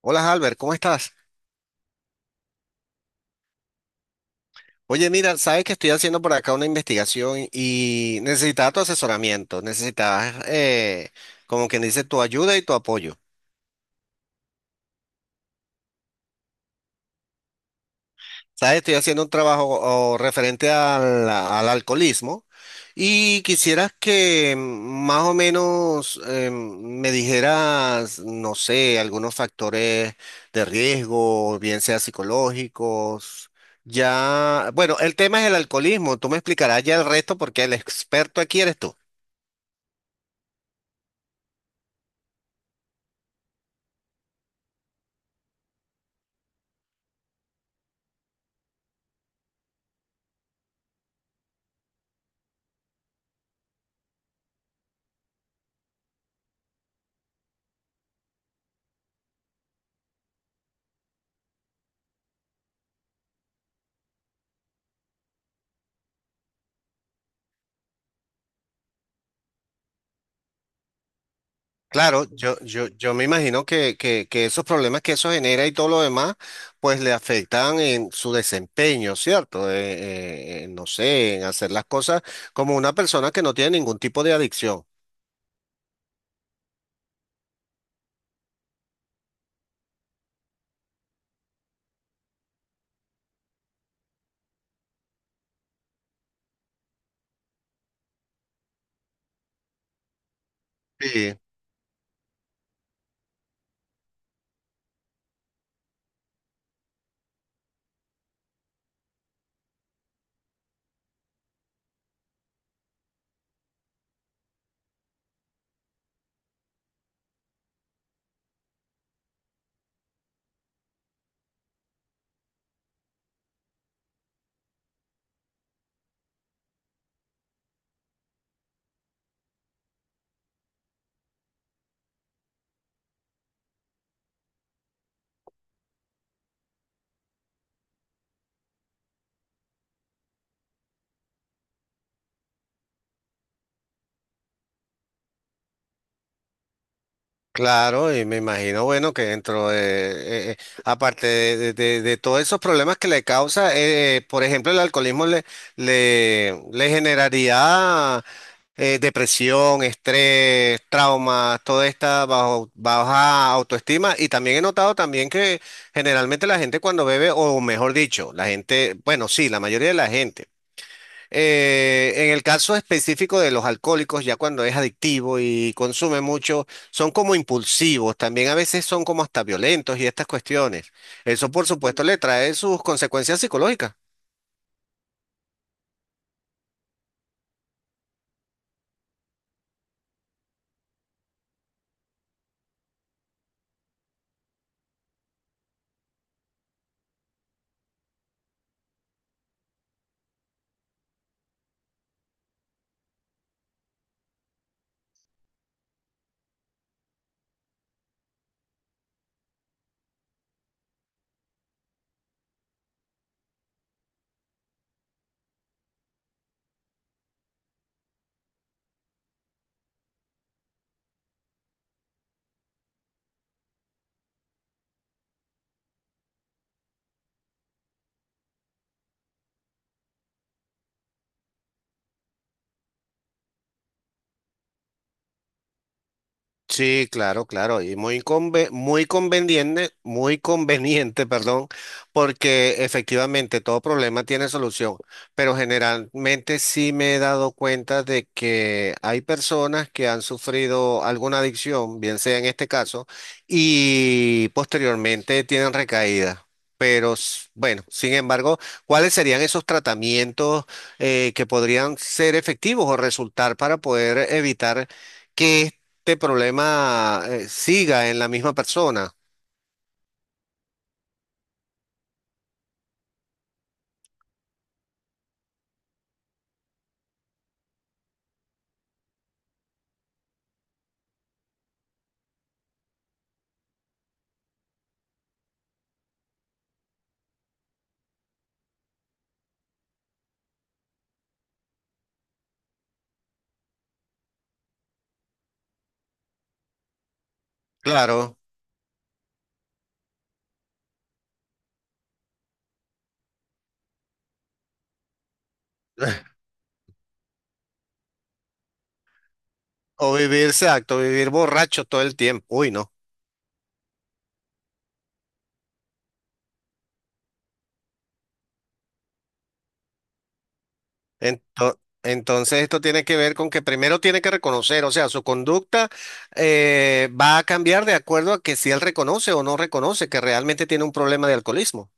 Hola Albert, ¿cómo estás? Oye, mira, sabes que estoy haciendo por acá una investigación y necesitaba tu asesoramiento, necesitaba, como quien dice, tu ayuda y tu apoyo. ¿Sabes? Estoy haciendo un trabajo o, referente al alcoholismo y quisieras que más o menos me dijeras, no sé, algunos factores de riesgo, bien sea psicológicos. Ya, bueno, el tema es el alcoholismo. Tú me explicarás ya el resto porque el experto aquí eres tú. Claro, yo me imagino que esos problemas que eso genera y todo lo demás, pues le afectan en su desempeño, ¿cierto? No sé, en hacer las cosas como una persona que no tiene ningún tipo de adicción. Sí. Claro, y me imagino, bueno, que dentro de, aparte de, de todos esos problemas que le causa, por ejemplo, el alcoholismo le generaría depresión, estrés, traumas, toda esta baja autoestima. Y también he notado también que generalmente la gente cuando bebe, o mejor dicho, la gente, bueno, sí, la mayoría de la gente. En el caso específico de los alcohólicos, ya cuando es adictivo y consume mucho, son como impulsivos, también a veces son como hasta violentos y estas cuestiones. Eso, por supuesto, le trae sus consecuencias psicológicas. Sí, claro, claro, y muy muy conveniente, perdón, porque efectivamente todo problema tiene solución, pero generalmente sí me he dado cuenta de que hay personas que han sufrido alguna adicción, bien sea en este caso, y posteriormente tienen recaída. Pero bueno, sin embargo, ¿cuáles serían esos tratamientos que podrían ser efectivos o resultar para poder evitar que este problema siga en la misma persona? Claro. O vivir, exacto, vivir borracho todo el tiempo. Uy, no. Entonces esto tiene que ver con que primero tiene que reconocer, o sea, su conducta va a cambiar de acuerdo a que si él reconoce o no reconoce que realmente tiene un problema de alcoholismo.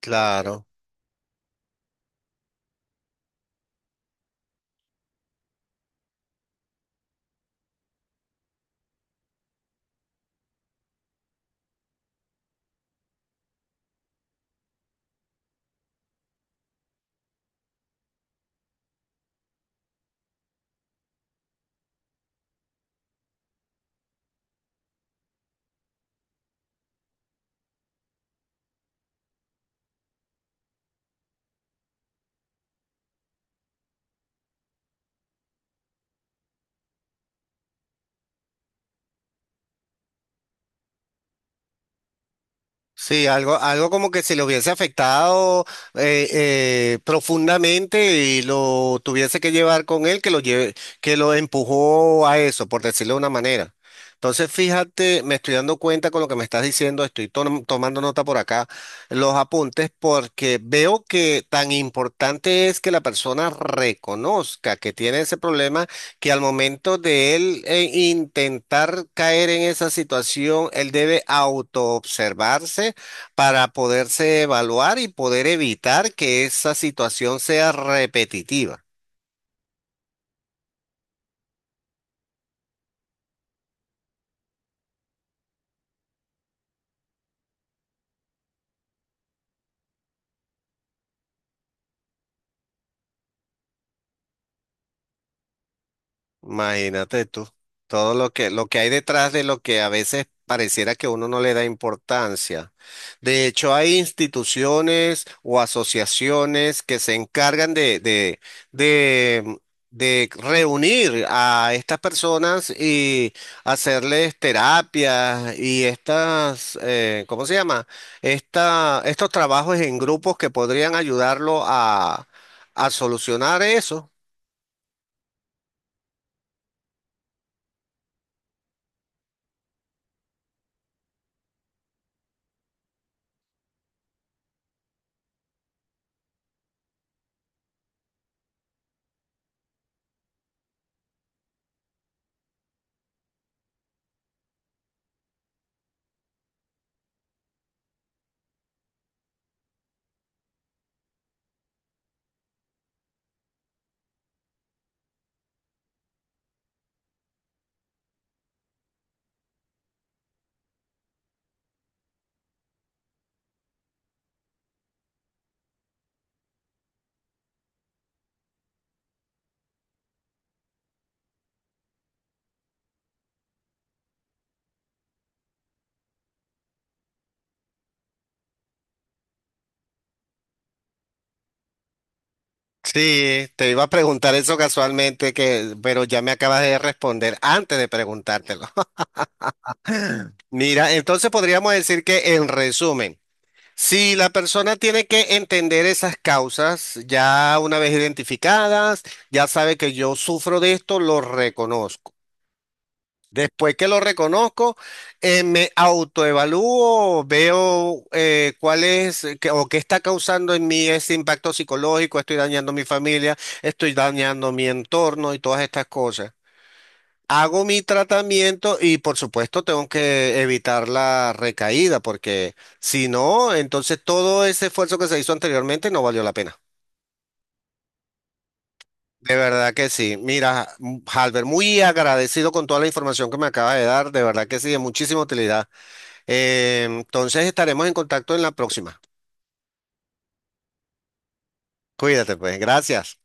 Claro. Sí, algo, algo como que si lo hubiese afectado profundamente y lo tuviese que llevar con él, que lo lleve, que lo empujó a eso, por decirlo de una manera. Entonces, fíjate, me estoy dando cuenta con lo que me estás diciendo, estoy tomando nota por acá, los apuntes, porque veo que tan importante es que la persona reconozca que tiene ese problema, que al momento de él intentar caer en esa situación, él debe autoobservarse para poderse evaluar y poder evitar que esa situación sea repetitiva. Imagínate tú, todo lo que hay detrás de lo que a veces pareciera que uno no le da importancia. De hecho, hay instituciones o asociaciones que se encargan de, de reunir a estas personas y hacerles terapias y estas, ¿cómo se llama? Esta, estos trabajos en grupos que podrían ayudarlo a solucionar eso. Sí, te iba a preguntar eso casualmente, que, pero ya me acabas de responder antes de preguntártelo. Mira, entonces podríamos decir que en resumen, si la persona tiene que entender esas causas ya una vez identificadas, ya sabe que yo sufro de esto, lo reconozco. Después que lo reconozco, me autoevalúo, veo cuál es qué- o qué está causando en mí ese impacto psicológico, estoy dañando mi familia, estoy dañando mi entorno y todas estas cosas. Hago mi tratamiento y por supuesto tengo que evitar la recaída porque si no, entonces todo ese esfuerzo que se hizo anteriormente no valió la pena. De verdad que sí. Mira, Halber, muy agradecido con toda la información que me acaba de dar. De verdad que sí, de muchísima utilidad. Entonces estaremos en contacto en la próxima. Cuídate, pues. Gracias.